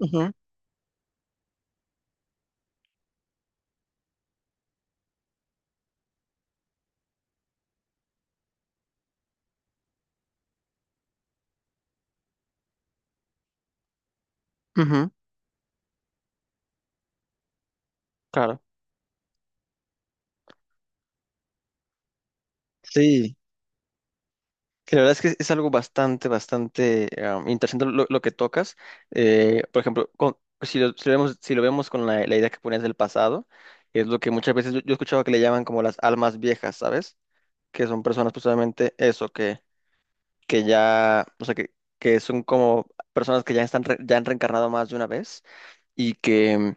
Ujú, ujú, claro. Sí, que la verdad es que es algo bastante, bastante interesante lo que tocas. Por ejemplo, pues, si lo vemos con la idea que ponías del pasado, es lo que muchas veces yo he escuchado que le llaman como las almas viejas, ¿sabes? Que son personas precisamente eso, que ya, o sea, que son como personas que ya, están ya han reencarnado más de una vez, y que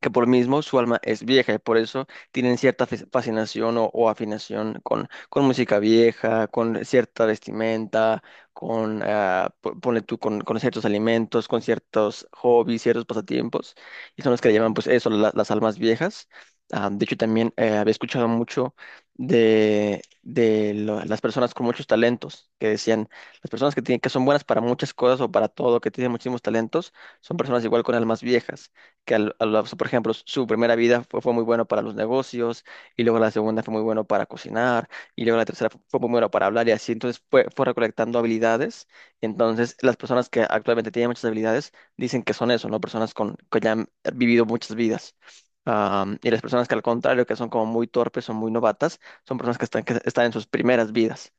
que por mismo su alma es vieja y por eso tienen cierta fascinación o afinación con música vieja, con cierta vestimenta, ponle tú, con ciertos alimentos, con ciertos hobbies, ciertos pasatiempos, y son los que le llaman pues eso, las almas viejas. Ah, de hecho, también había escuchado mucho de las personas con muchos talentos, que decían, las personas que tienen, que son buenas para muchas cosas o para todo, que tienen muchísimos talentos, son personas igual con almas viejas que o sea, por ejemplo, su primera vida fue muy bueno para los negocios, y luego la segunda fue muy bueno para cocinar, y luego la tercera fue muy bueno para hablar, y así, entonces fue recolectando habilidades. Entonces, las personas que actualmente tienen muchas habilidades dicen que son eso, ¿no? Personas que ya han vivido muchas vidas. Y las personas que al contrario, que son como muy torpes o muy novatas, son personas que están en sus primeras vidas.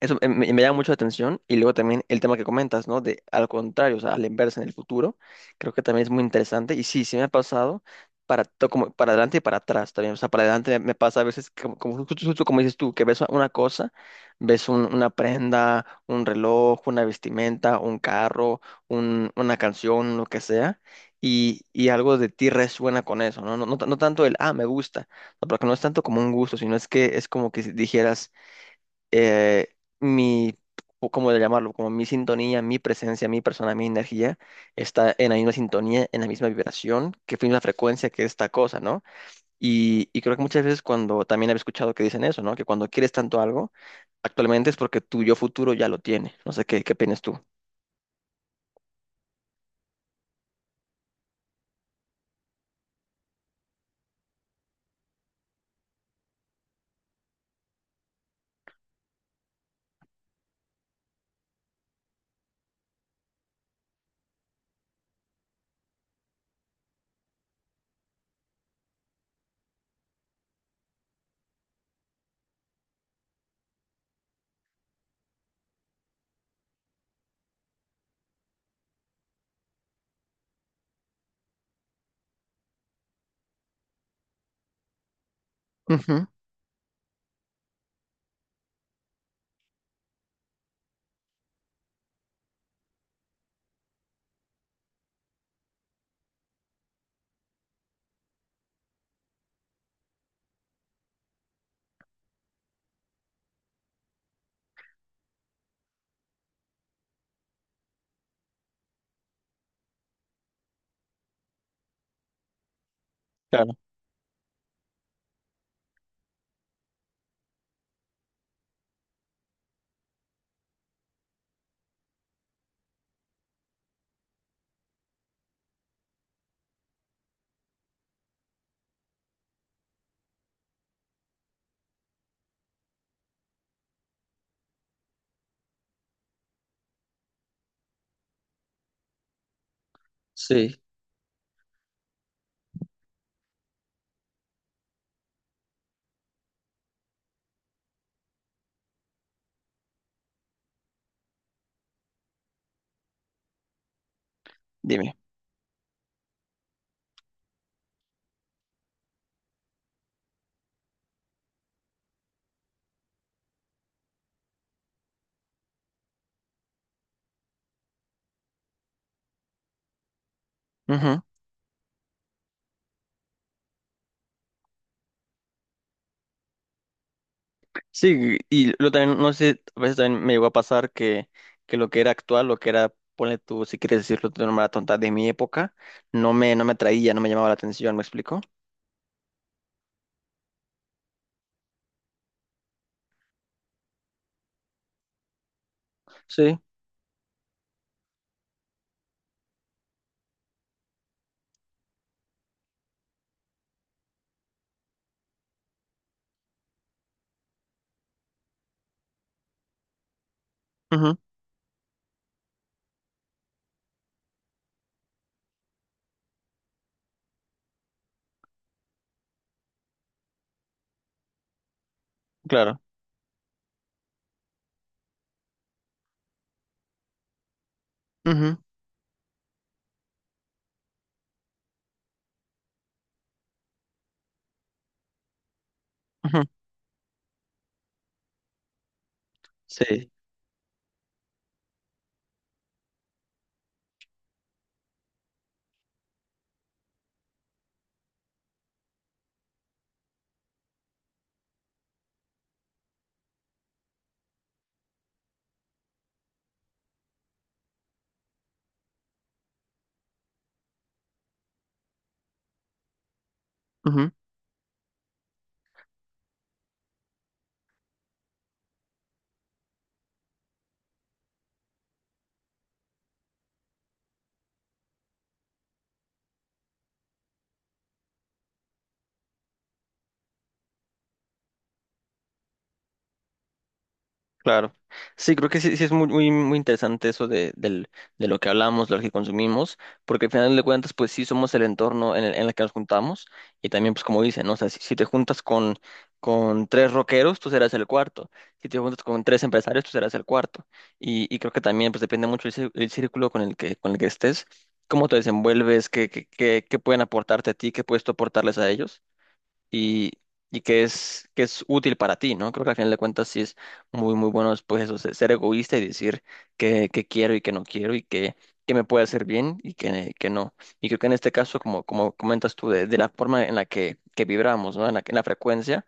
Eso me llama mucho la atención, y luego también el tema que comentas, ¿no? De al contrario, o sea, a la inversa en el futuro, creo que también es muy interesante, y sí, sí me ha pasado para como para adelante y para atrás también, o sea, para adelante me pasa a veces como justo, justo como dices tú, que ves una cosa, ves una prenda, un reloj, una vestimenta, un carro, una canción, lo que sea. Y algo de ti resuena con eso, ¿no? No, no, no tanto me gusta, no, porque no es tanto como un gusto, sino es que es como que si dijeras, eh, mi, o ¿cómo de llamarlo? Como mi sintonía, mi presencia, mi persona, mi energía está en la misma sintonía, en la misma vibración, que fue la frecuencia que esta cosa, ¿no? Y creo que muchas veces cuando también había escuchado que dicen eso, ¿no? Que cuando quieres tanto algo, actualmente es porque tu yo futuro ya lo tiene. No sé qué opinas tú. Ujú. Claro. Sí, dime. Sí, y lo también, no sé, a veces también me llegó a pasar que lo que era actual, lo que era, ponle tú, si quieres decirlo de una manera tonta, de mi época, no me atraía, no me llamaba la atención, ¿me explico? Sí, ujú, claro. Ujú, ujú, sí. Claro. Sí, creo que sí, sí es muy, muy, muy interesante eso de lo que hablamos, de lo que consumimos, porque al final de cuentas, pues sí somos el entorno en el que nos juntamos, y también, pues como dicen, ¿no? O sea, si te juntas con tres rockeros, tú serás el cuarto. Si te juntas con tres empresarios, tú serás el cuarto. Y creo que también, pues depende mucho el círculo con el que estés, cómo te desenvuelves, qué pueden aportarte a ti, qué puedes tú aportarles a ellos, y, y que es útil para ti, ¿no? Creo que al final de cuentas sí es muy, muy bueno después eso, ser egoísta y decir que quiero y que no quiero, y que me puede hacer bien y que no. Y creo que en este caso, como, comentas tú, de la forma en la que vibramos, ¿no? En la frecuencia.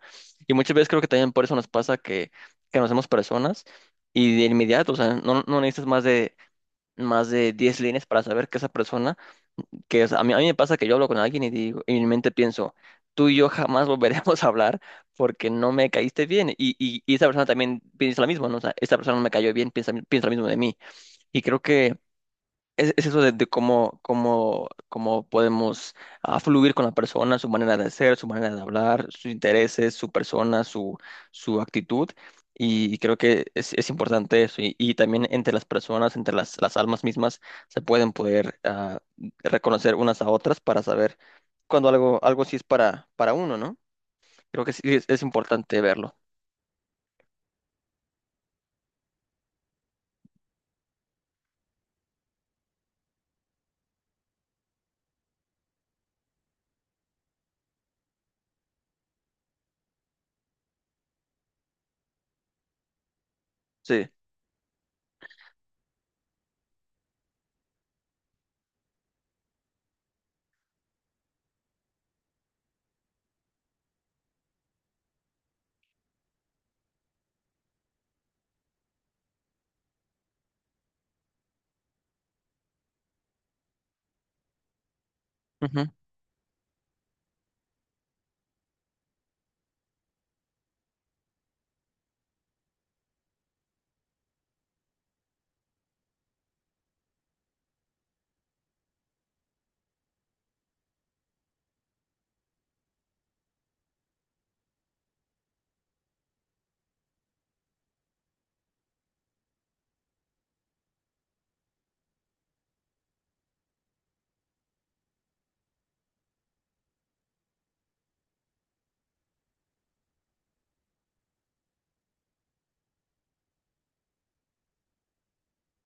Y muchas veces creo que también por eso nos pasa que nos hacemos personas y de inmediato, o sea, no necesitas más de 10 líneas para saber que esa persona que es- a mí me pasa que yo hablo con alguien y digo, y en mi mente pienso, tú y yo jamás volveremos a hablar porque no me caíste bien. Y esa persona también piensa lo mismo, ¿no? O sea, esta persona no me cayó bien, piensa lo mismo de mí. Y creo que es eso de cómo podemos fluir con la persona, su manera de ser, su manera de hablar, sus intereses, su persona, su actitud. Y creo que es importante eso. Y también entre las personas, entre las almas mismas, se pueden poder reconocer unas a otras para saber cuando algo sí es para uno, ¿no? Creo que sí es importante verlo. Sí.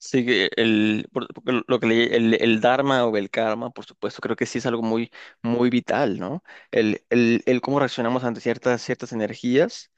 Sí, que porque lo que el dharma o el karma, por supuesto, creo que sí es algo muy, muy vital, ¿no? El cómo reaccionamos ante ciertas energías.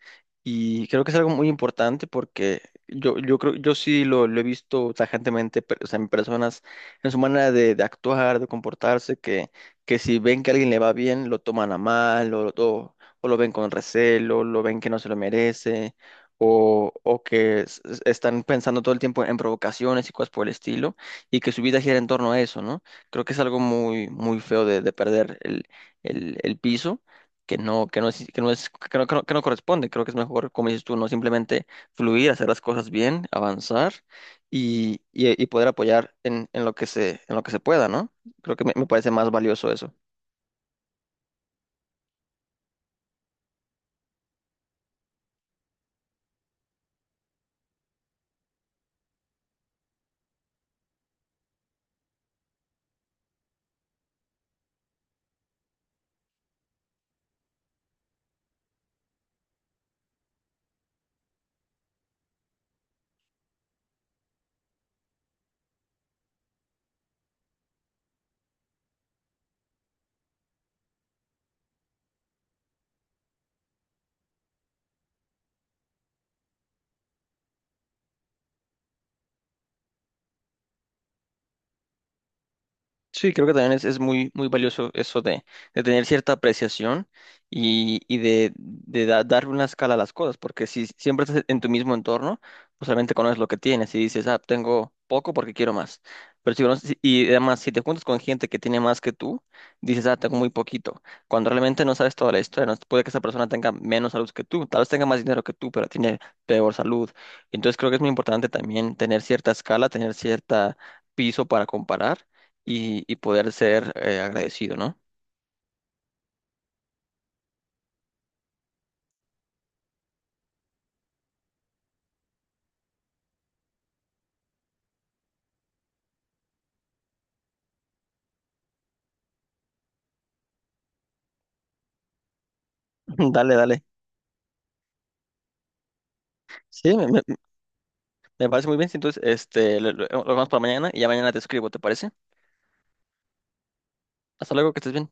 Y creo que es algo muy importante porque yo creo, yo sí lo he visto tajantemente, o sea, en personas, en su manera de actuar, de comportarse, que si ven que a alguien le va bien, lo toman a mal, o lo ven con recelo, lo ven que no se lo merece, o que están pensando todo el tiempo en provocaciones y cosas por el estilo, y que su vida gira en torno a eso, ¿no? Creo que es algo muy, muy feo de perder el piso que no corresponde. Creo que es mejor, como dices tú, no simplemente fluir, hacer las cosas bien, avanzar, y poder apoyar en lo que se pueda, ¿no? Creo que me parece más valioso eso. Sí, creo que también es muy, muy valioso eso de tener cierta apreciación, y de dar una escala a las cosas, porque si siempre estás en tu mismo entorno, pues solamente conoces lo que tienes y dices, ah, tengo poco porque quiero más. Pero si, y además, si te juntas con gente que tiene más que tú, dices, ah, tengo muy poquito, cuando realmente no sabes toda la historia, no, puede que esa persona tenga menos salud que tú, tal vez tenga más dinero que tú, pero tiene peor salud. Entonces creo que es muy importante también tener cierta escala, tener cierta piso para comparar, y poder ser agradecido, ¿no? Dale, dale. Sí, me parece muy bien. Sí, entonces, este, lo vamos para mañana, y ya mañana te escribo, ¿te parece? Hasta luego, que estés bien.